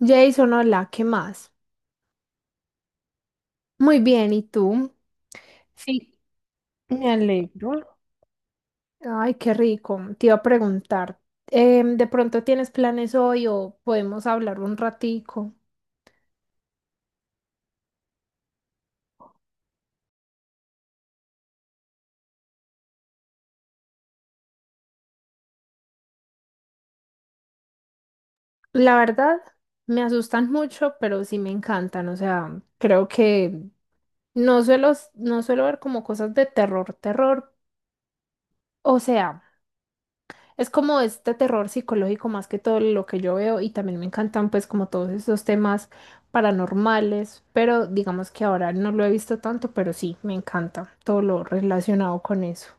Jason, hola, ¿qué más? Muy bien, ¿y tú? Sí, me alegro. Ay, qué rico. Te iba a preguntar, ¿de pronto tienes planes hoy o podemos hablar un ratico? La verdad, me asustan mucho, pero sí me encantan. O sea, creo que no suelo ver como cosas de terror, terror. O sea, es como este terror psicológico más que todo lo que yo veo y también me encantan pues como todos esos temas paranormales, pero digamos que ahora no lo he visto tanto, pero sí, me encanta todo lo relacionado con eso.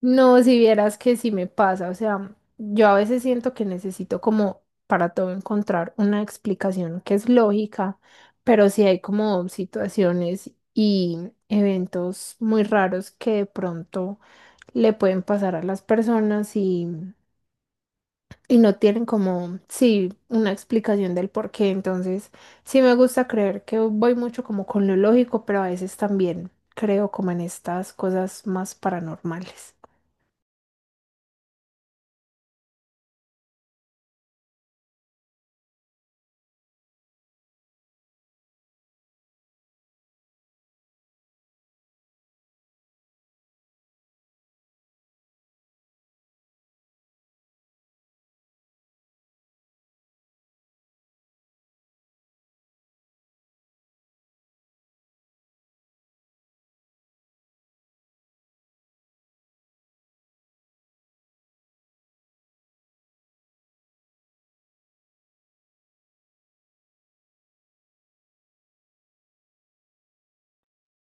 No, si vieras que sí me pasa, o sea, yo a veces siento que necesito como para todo encontrar una explicación que es lógica, pero sí hay como situaciones y eventos muy raros que de pronto le pueden pasar a las personas y no tienen como, sí, una explicación del por qué. Entonces, sí me gusta creer que voy mucho como con lo lógico, pero a veces también creo como en estas cosas más paranormales.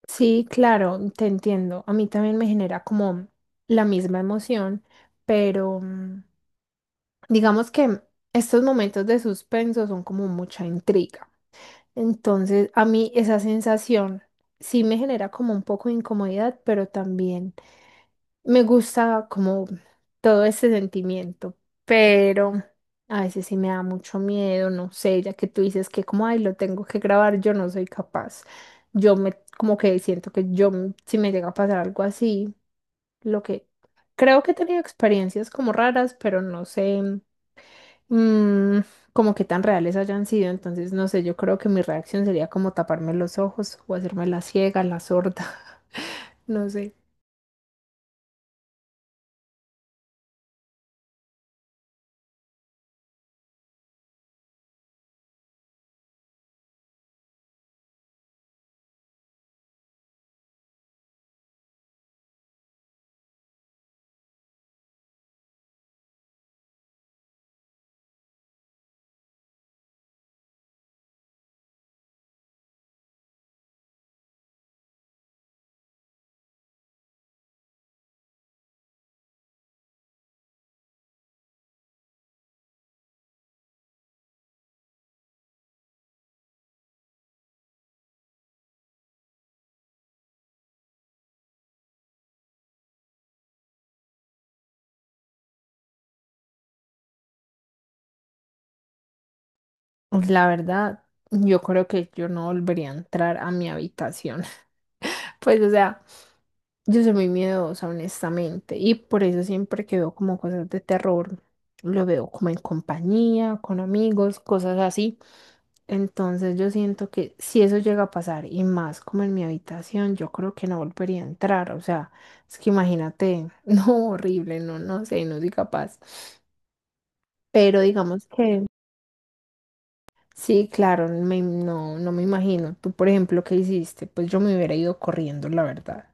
Sí, claro, te entiendo. A mí también me genera como la misma emoción, pero digamos que estos momentos de suspenso son como mucha intriga. Entonces, a mí esa sensación sí me genera como un poco de incomodidad, pero también me gusta como todo ese sentimiento, pero a veces sí me da mucho miedo, no sé, ya que tú dices que como, ay, lo tengo que grabar, yo no soy capaz. Yo me, como que siento que si me llega a pasar algo así, lo que creo que he tenido experiencias como raras, pero no sé mm, como que tan reales hayan sido, entonces no sé, yo creo que mi reacción sería como taparme los ojos o hacerme la ciega, la sorda, no sé. La verdad, yo creo que yo no volvería a entrar a mi habitación. Pues, o sea, yo soy muy miedosa, honestamente, y por eso siempre que veo como cosas de terror, lo veo como en compañía, con amigos, cosas así. Entonces yo siento que si eso llega a pasar y más como en mi habitación, yo creo que no volvería a entrar. O sea, es que imagínate, no, horrible, no, no sé, no soy capaz. Pero digamos que sí, claro, me- no, no me imagino. Tú, por ejemplo, ¿qué hiciste? Pues yo me hubiera ido corriendo, la verdad.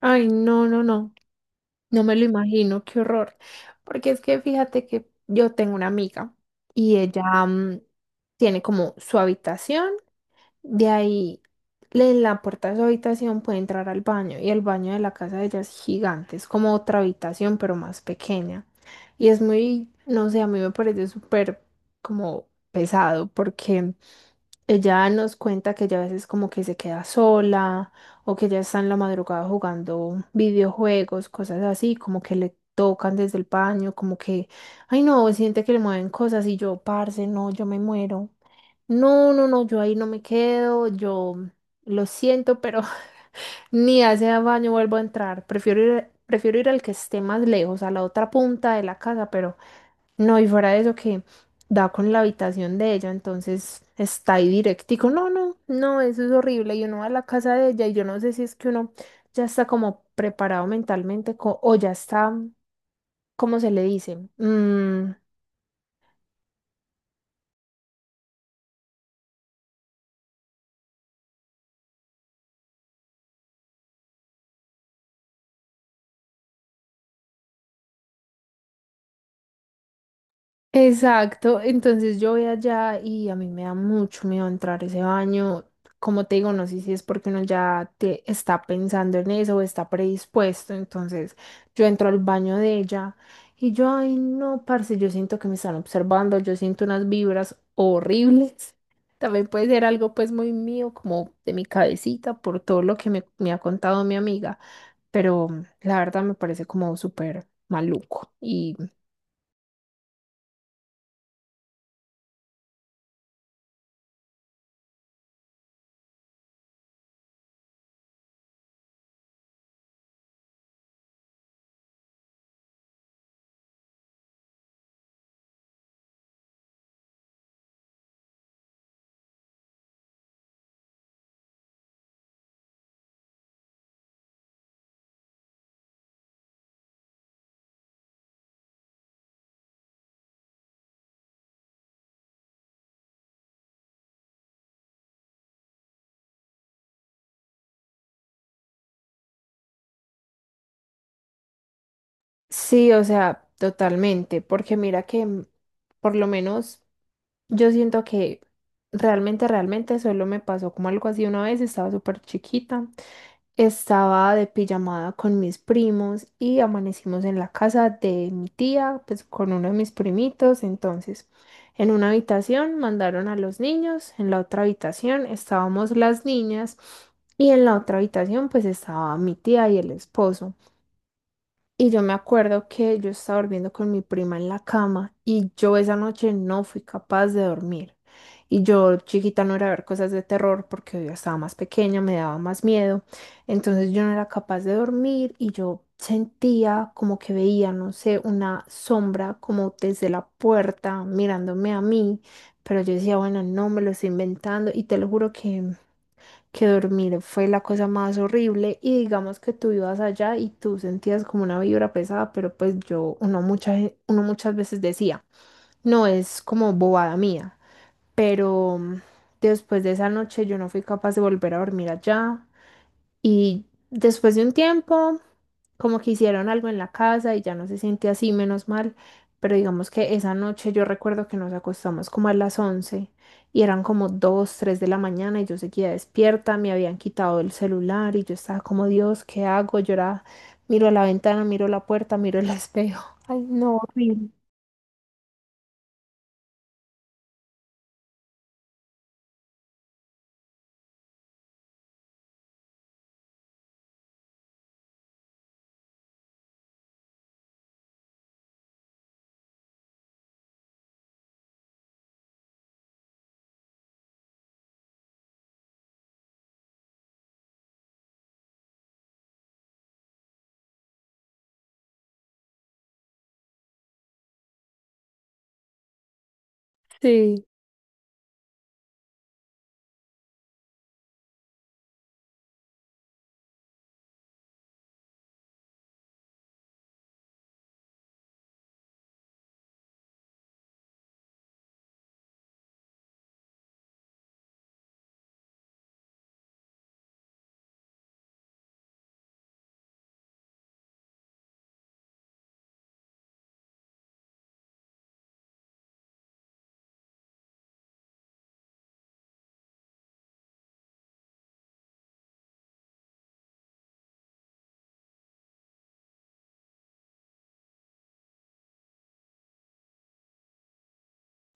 Ay, no, no, no, no me lo imagino, qué horror. Porque es que fíjate que yo tengo una amiga y ella tiene como su habitación. De ahí, le- la puerta de su habitación puede entrar al baño y el baño de la casa de ella es gigante, es como otra habitación pero más pequeña. Y es muy, no sé, a mí me parece súper como pesado porque ella nos cuenta que ella a veces como que se queda sola o que ella está en la madrugada jugando videojuegos, cosas así, como que le tocan desde el baño, como que, ay no, siente que le mueven cosas y yo, parce, no, yo me muero. No, no, no, yo ahí no me quedo, yo lo siento, pero ni a ese baño vuelvo a entrar. Prefiero ir al que esté más lejos, a la otra punta de la casa, pero no, y fuera de eso que da con la habitación de ella, entonces está ahí directico. No, no, no, eso es horrible. Y uno va a la casa de ella y yo no sé si es que uno ya está como preparado mentalmente o ya está, ¿cómo se le dice? Mm, exacto, entonces yo voy allá y a mí me da mucho miedo entrar a ese baño. Como te digo, no sé si es porque uno ya te está pensando en eso o está predispuesto. Entonces yo entro al baño de ella y yo, ay, no, parce, yo siento que me están observando, yo siento unas vibras horribles. También puede ser algo pues muy mío, como de mi cabecita, por todo lo que me ha contado mi amiga, pero la verdad me parece como súper maluco. Sí, o sea, totalmente, porque mira que por lo menos yo siento que realmente, realmente solo me pasó como algo así una vez, estaba súper chiquita, estaba de pijamada con mis primos y amanecimos en la casa de mi tía, pues con uno de mis primitos, entonces en una habitación mandaron a los niños, en la otra habitación estábamos las niñas y en la otra habitación pues estaba mi tía y el esposo. Y yo me acuerdo que yo estaba durmiendo con mi prima en la cama y yo esa noche no fui capaz de dormir. Y yo chiquita no era ver cosas de terror porque yo estaba más pequeña, me daba más miedo. Entonces yo no era capaz de dormir y yo sentía como que veía, no sé, una sombra como desde la puerta mirándome a mí. Pero yo decía, bueno, no me lo estoy inventando y te lo juro que dormir fue la cosa más horrible y digamos que tú ibas allá y tú sentías como una vibra pesada, pero pues yo, uno, mucha, uno muchas veces decía, no es como bobada mía, pero después de esa noche yo no fui capaz de volver a dormir allá y después de un tiempo como que hicieron algo en la casa y ya no se siente así, menos mal, pero digamos que esa noche yo recuerdo que nos acostamos como a las 11 y eran como 2 3 de la mañana y yo seguía despierta, me habían quitado el celular y yo estaba como, Dios, ¿qué hago? Yo era, miro a la ventana, miro la puerta, miro el espejo. Ay, no, horrible. Sí.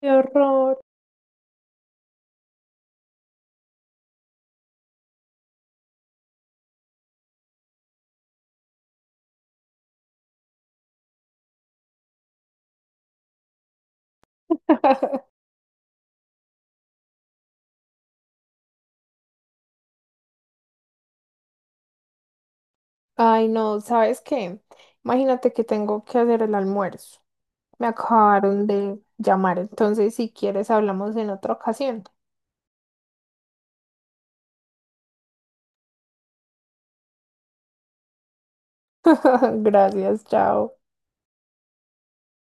Qué horror. Ay, no, ¿sabes qué? Imagínate que tengo que hacer el almuerzo. Me acabaron de llamar, entonces si quieres hablamos en otra ocasión. Gracias, chao.